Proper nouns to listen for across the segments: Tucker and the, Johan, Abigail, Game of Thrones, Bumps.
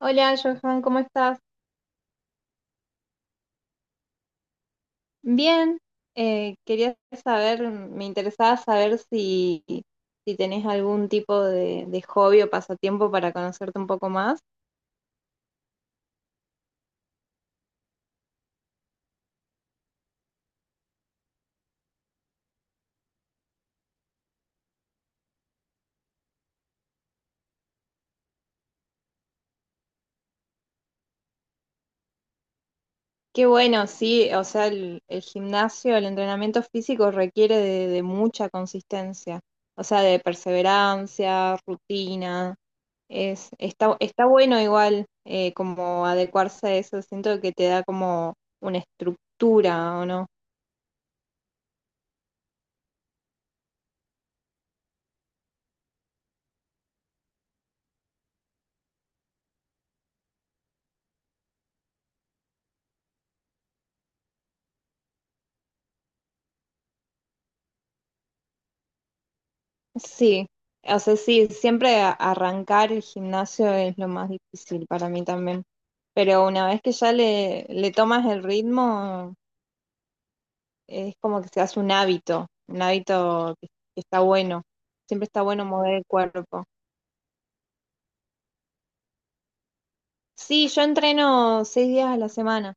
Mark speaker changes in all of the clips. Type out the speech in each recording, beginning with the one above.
Speaker 1: Hola, Johan, ¿cómo estás? Bien, quería saber, me interesaba saber si tenés algún tipo de hobby o pasatiempo para conocerte un poco más. Qué bueno, sí, o sea, el gimnasio, el entrenamiento físico requiere de mucha consistencia, o sea, de perseverancia, rutina. Es, está bueno igual como adecuarse a eso, siento que te da como una estructura, ¿o no? Sí, o sea, sí, siempre arrancar el gimnasio es lo más difícil para mí también, pero una vez que ya le tomas el ritmo, es como que se hace un hábito que está bueno, siempre está bueno mover el cuerpo. Sí, yo entreno 6 días a la semana.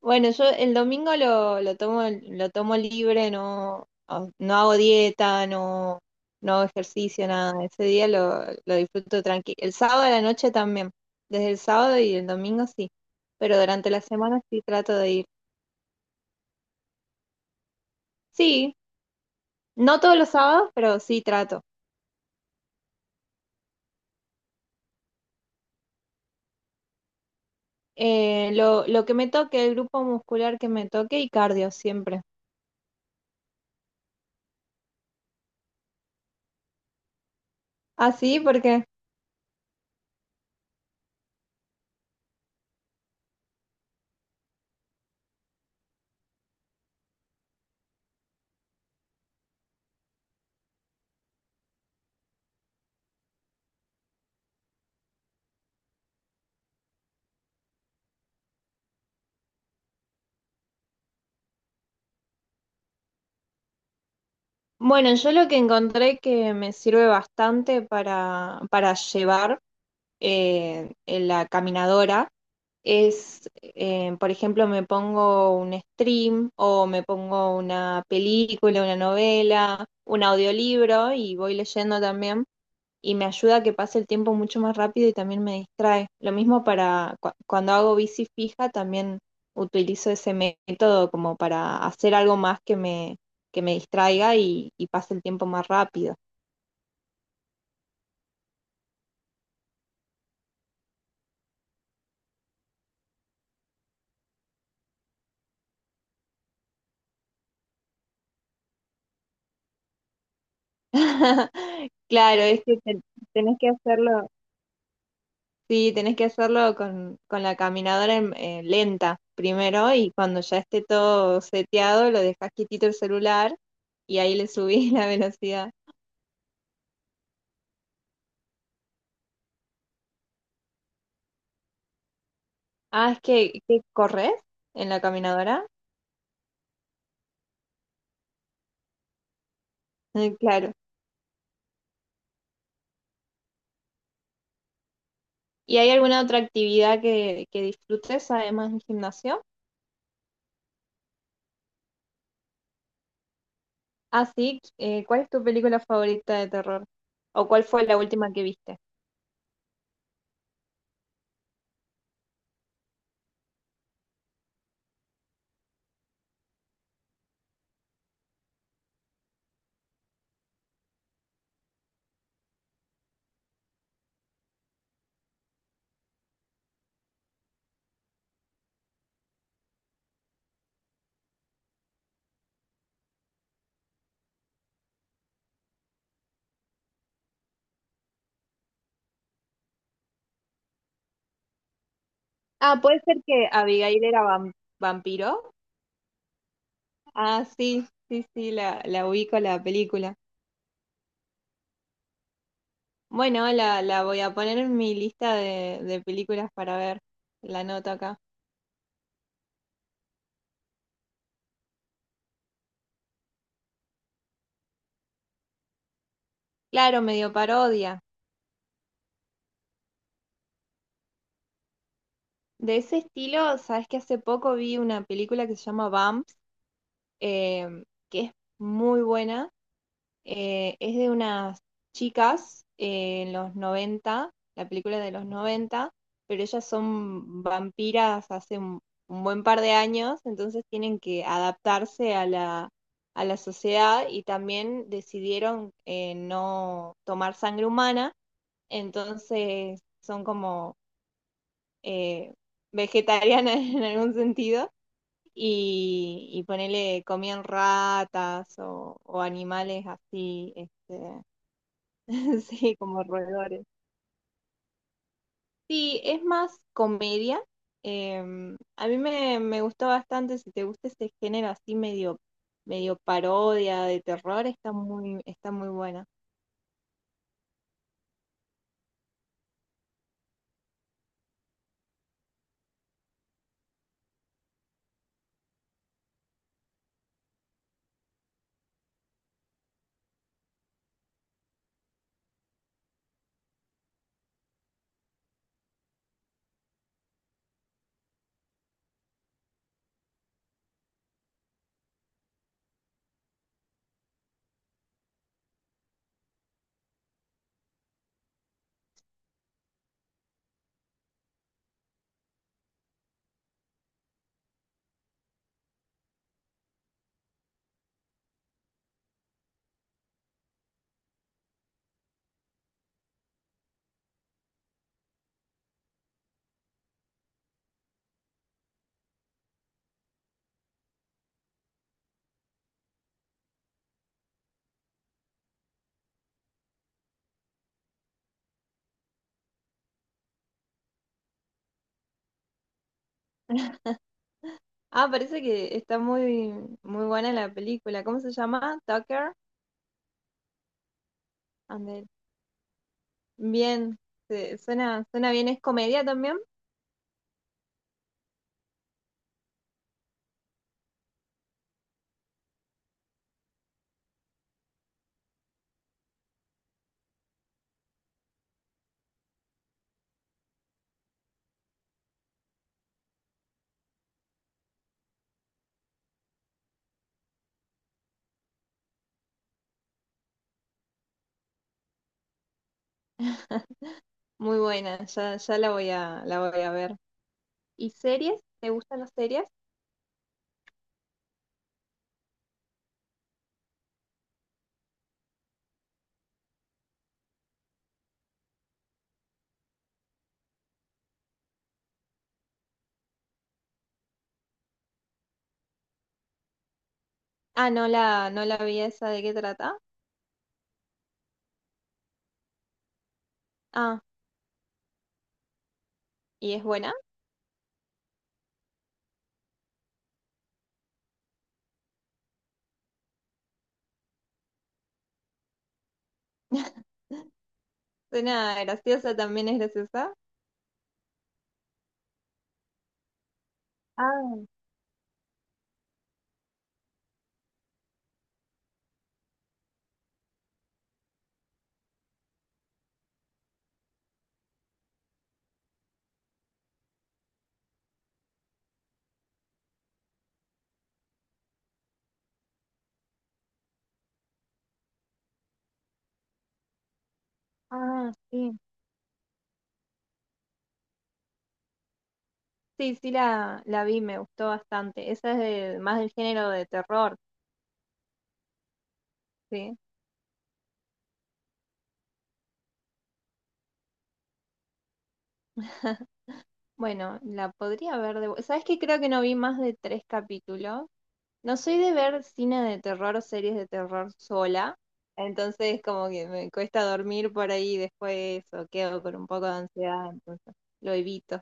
Speaker 1: Bueno, yo el domingo lo tomo, lo tomo libre, no, no hago dieta, no, no hago ejercicio, nada. Ese día lo disfruto tranquilo. El sábado a la noche también. Desde el sábado y el domingo sí. Pero durante la semana sí trato de ir. Sí, no todos los sábados, pero sí trato. Lo lo que me toque, el grupo muscular que me toque y cardio siempre. Ah, sí, porque, bueno, yo lo que encontré que me sirve bastante para llevar. En la caminadora es, por ejemplo, me pongo un stream o me pongo una película, una novela, un audiolibro y voy leyendo también y me ayuda a que pase el tiempo mucho más rápido y también me distrae. Lo mismo para cuando hago bici fija, también utilizo ese método como para hacer algo más que que me distraiga y pase el tiempo más rápido. Claro, es que tenés que hacerlo. Sí, tenés que hacerlo con la caminadora lenta primero y cuando ya esté todo seteado lo dejas quietito el celular y ahí le subís la velocidad. Ah, es que corres en la caminadora. Claro. ¿Y hay alguna otra actividad que disfrutes además del gimnasio? Ah, sí. ¿Cuál es tu película favorita de terror? ¿O cuál fue la última que viste? Ah, puede ser que Abigail era vampiro. Ah, sí, sí, sí, la ubico la película. Bueno, la voy a poner en mi lista de películas para ver. La nota acá. Claro, medio parodia. De ese estilo, sabes que hace poco vi una película que se llama Bumps, eh, que es muy buena. Es de unas chicas en los noventa, la película es de los noventa, pero ellas son vampiras hace un buen par de años, entonces tienen que adaptarse a a la sociedad y también decidieron no tomar sangre humana, entonces son como eh, vegetarianas en algún sentido. Y ponele, comían ratas o animales así, este. Sí, como roedores. Sí, es más comedia. A mí me gustó bastante, si te gusta ese género así medio, medio parodia de terror, está muy buena. Ah, parece que está muy, muy buena la película. ¿Cómo se llama? Tucker and Bien, suena, suena bien, es comedia también. Muy buena, ya, ya la voy la voy a ver. ¿Y series? ¿Te gustan las series? Ah, no no la vi esa, ¿de qué trata? Ah, ¿y es buena? Suena graciosa, también es graciosa. Ah, ah, sí. Sí, sí la vi, me gustó bastante. Esa es más del género de terror, sí. Bueno, la podría ver de... ¿Sabes qué? Creo que no vi más de 3 capítulos. No soy de ver cine de terror o series de terror sola, entonces como que me cuesta dormir por ahí después o quedo con un poco de ansiedad, entonces lo evito.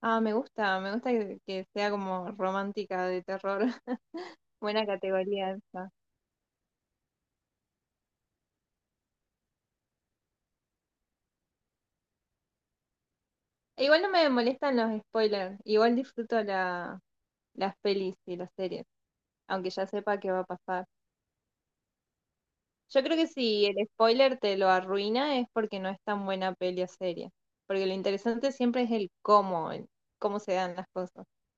Speaker 1: Ah, me gusta que sea como romántica de terror. Buena categoría esa. E igual no me molestan los spoilers. Igual disfruto las pelis y las series, aunque ya sepa qué va a pasar. Yo creo que si el spoiler te lo arruina es porque no es tan buena peli o serie. Porque lo interesante siempre es el cómo se dan las cosas.